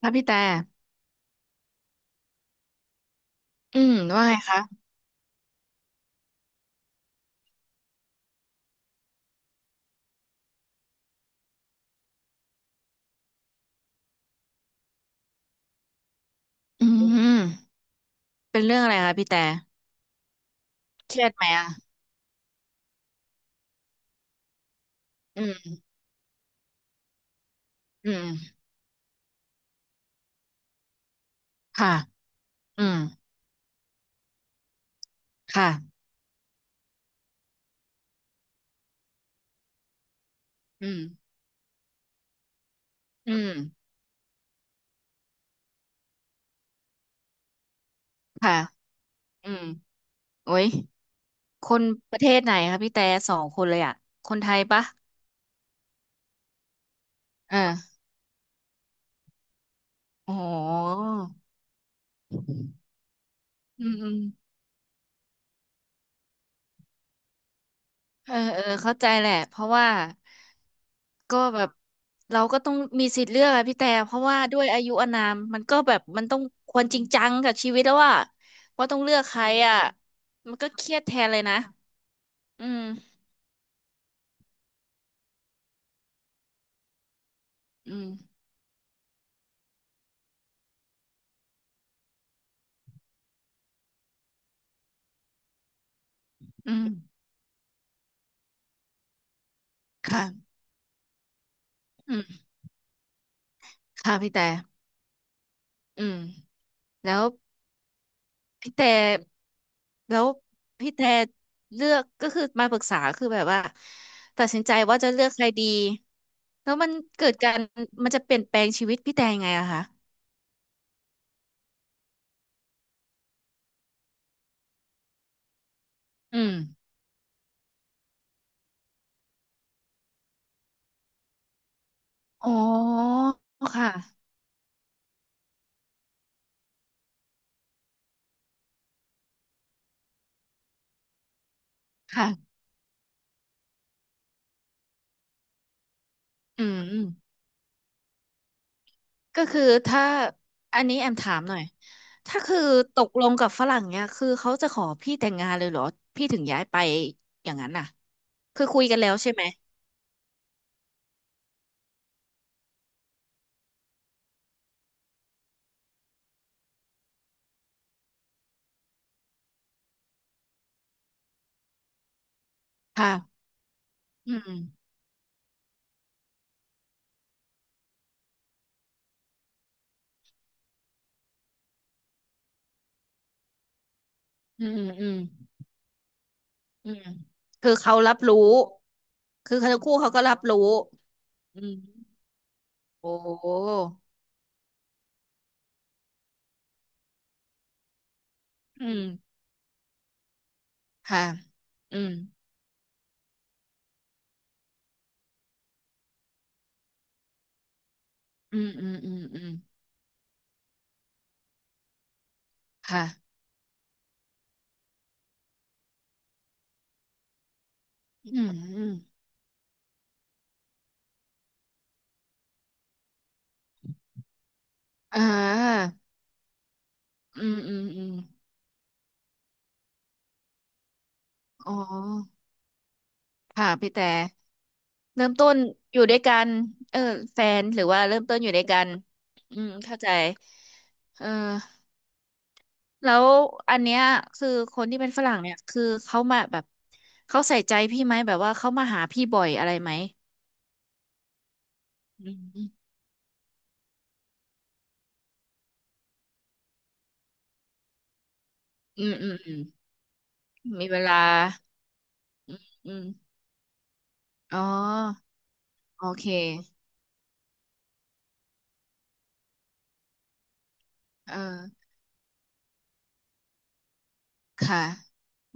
ค่ะพี่แต่ว่าไงคะอืมเป็นเรื่องอะไรคะพี่แต่เครียดไหมอ่ะอืมอืมค่ะอืมค่ะอืมอืมค่ะอืมโอ้ยคนประเทศไหนคะพี่แต่สองคนเลยอ่ะคนไทยปะเออโอ้โหอืม เออเออเข้าใจแหละ เพราะว่าก็แบบเราก็ต้องมีสิทธิ์เลือกอะพี่แต่ เพราะว่าด้วยอายุอานามมันก็แบบมันต้องควรจริงจังกับชีวิตแล้วว่าต้องเลือกใครอะมันก็เครียดแทนเลยนะอืมอืมอืมค่ะอืมค่ะพี่แต่อืมแล้ว พี่แต่แล้วพี่แต่เลือกก็คือมาปรึกษาคือแบบว่าตัดสินใจว่าจะเลือกใครดีแล้วมันเกิดการมันจะเปลี่ยนแปลงชีวิตพี่แต่ยังไงอะคะอืมอ๋อค่ะค่ะอืมอืมก็คือถ้าอันนี้แอมถามหน่อยถ้าคือตกลงกับฝรั่งเนี่ยคือเขาจะขอพี่แต่งงานเลยเหรอพี่ถึงย้ายไปอย่างนั้นน่ะคือคุยกันแล้วใช่ไหมค่ะอืมอืมอืม อืมคือเขารับรู้คือทั้งคู่เขาก็รับรู้อืมโอ้อืมค่ะอืมอืมอืมอืมอืมค่ะอืมอืมอ่าอืมอืมอืมอ๋อค่ะพี่แต่เริ่มต้นอยู่ด้วยกันเออแฟนหรือว่าเริ่มต้นอยู่ด้วยกันเข้าใจเออแล้วอันเนี้ยคือคนที่เป็นฝรั่งเนี่ยคือเขามาแบบเขาใส่ใจพี่ไหมแบบว่าเขามาหาพี่บ่อยอะไรไหม อืมอืมอืมอืมมีเวลาอืมอืมอ๋อโอเคเออค่ะ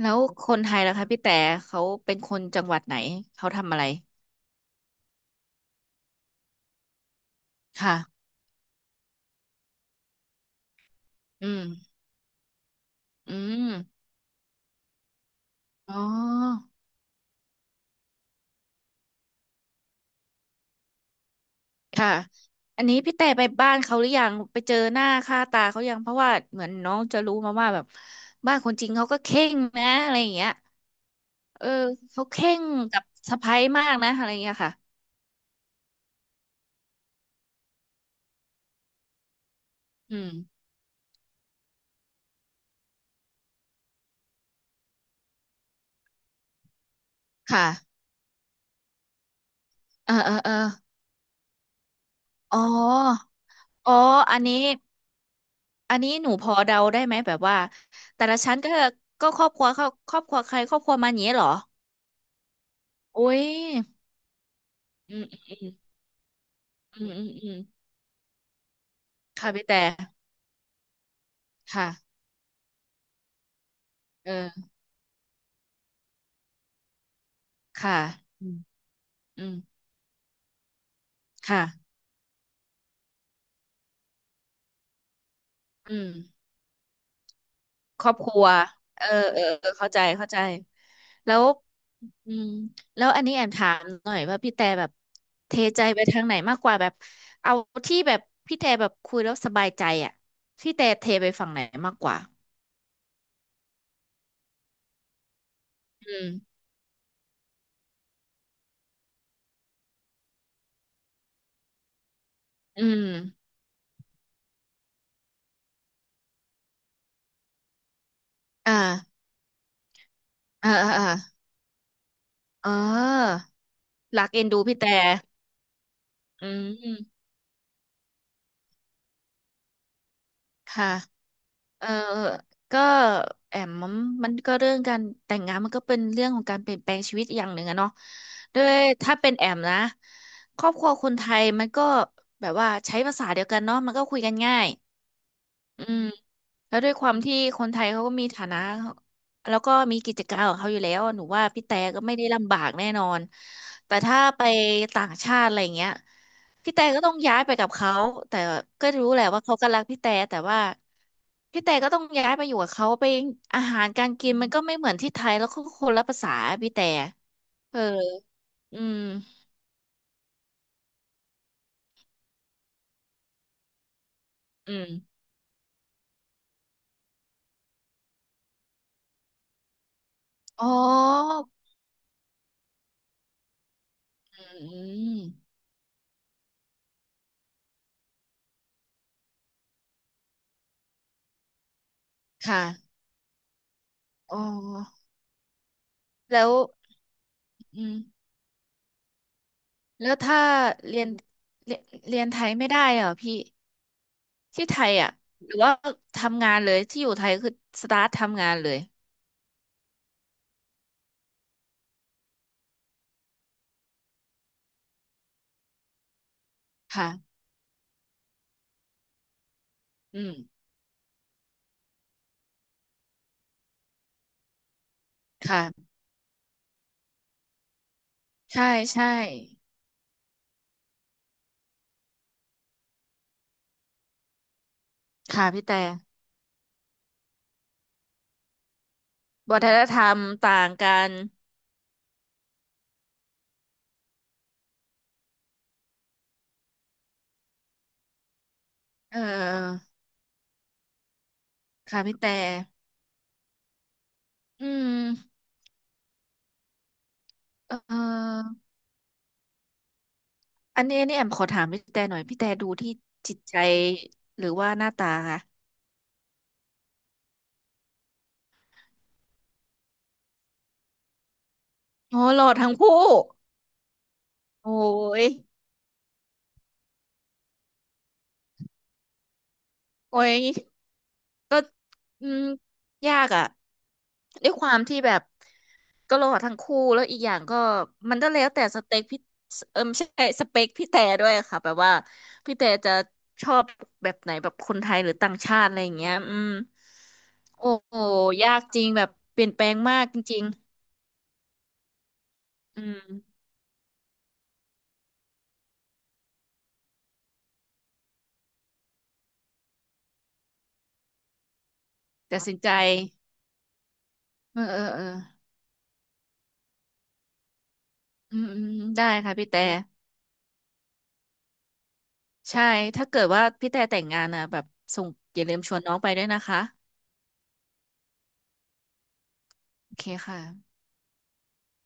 แล้วคนไทยล่ะคะพี่แต่เขาเป็นคนจังหวัดไหนเขาทำอะไรค่ะอืมอืมอ๋อค่ะอันนี้พี่แต่ไปบ้านเขาหรือยังไปเจอหน้าค่าตาเขายังเพราะว่าเหมือนน้องจะรู้มาว่าแบบบ้านคนจีนเขาก็เข่งนะอะไรอย่างเงี้ยเออเขาเข่งกับสะใภ้มากนะอะไรอย่างเงี้ยค่ะอืมค่ะ เออเออเอออ๋ออ๋ออันนี้อันนี้หนูพอเดาได้ไหมแบบว่าแต่ละชั้นก็ครอบครัวเขาครอบครัวใครครอบครัวมันอย่างนี้เหรอโอ้ยอืมอืมอืมอืมอืมอืมค่ะพี่แต่ ค่ะเออค่ะอืมอืมค่ะอืม ครอบครัวเออเออเออเข้าใจเข้าใจแล้วอืมแล้วอันนี้แอมถามหน่อยว่าพี่แต่แบบเทใจไปทางไหนมากกว่าแบบเอาที่แบบพี่แต่แบบคุยแล้วสบายใจอ่ะพี่แต่เทไปฝั่งไหนมากกว่าอืมอืมอ่าอ่าอ่าเออรักเอ็นดูพี่แต่อืมค่ะ เออก็แอมมันก็เรื่องการแต่งงานมันก็เป็นเรื่องของการเปลี่ยนแปลงชีวิตอย่างหนึ่งอะเนาะด้วยถ้าเป็นแอมนะครอบครัวคนไทยมันก็แบบว่าใช้ภาษาเดียวกันเนาะมันก็คุยกันง่ายอืมแล้วด้วยความที่คนไทยเขาก็มีฐานะแล้วก็มีกิจการของเขาอยู่แล้วหนูว่าพี่แต่ก็ไม่ได้ลำบากแน่นอนแต่ถ้าไปต่างชาติอะไรเงี้ย พี่แต่ก็ต้องย้ายไปกับเขาแต่ก็รู้แหละว่าเขาก็รักพี่แต่แต่ว่าพี่แต่ก็ต้องย้ายไปอยู่กับเขาไปอาหารการกินมันก็ไม่เหมือนที่ไทยแล้วก็คนละภาษาพี่แต่เอออืมอืมอ๋ออืมค่ะอ๋อแล้วอืมแล้วถ้าเรียนเรียนเรียนไทยไม่ได้เหรอพี่ที่ไทยอ่ะหรือว่าทำงานเลยที่อยู่ไทยคือสตาร์ททำงานเลยค่ะอืมค่ะใช่ใช่ ค่ะพี่แต่วัฒนธรรมต่างกัน เออค่ะพี่แต่ อืมเอออันนี้แอมขอถามพี่แต่หน่อย พี่แต่ดูที่จิตใจหรือว่าหน้าตาคะโอ้หล่อทั้งคู่โอ้ย โอ้ย ก็ อืม ยากอ่ะด้วยความที่แบบ ก็หล่อทั้งคู่แล้วอีกอย่างก็มันก็แล้วแต่สเต็กพี่เออไม่ใช่สเปคพี่แต่ด้วยค่ะแบบว่าพี่แต่จะชอบแบบไหนแบบคนไทยหรือต่างชาติอะไรอย่างเงี้ยโอ้โหยากจริงแบบเปลี่ยนแปลงมากจริงๆตัดสินใจเออเออเอออืมอืมได้ค่ะพี่แต่ใช่ถ้าเกิดว่าพี่แต่แต่งงานนะแบบส่งอย่าลืมชวนน้องไปด้วยนะคะโอเคค่ะ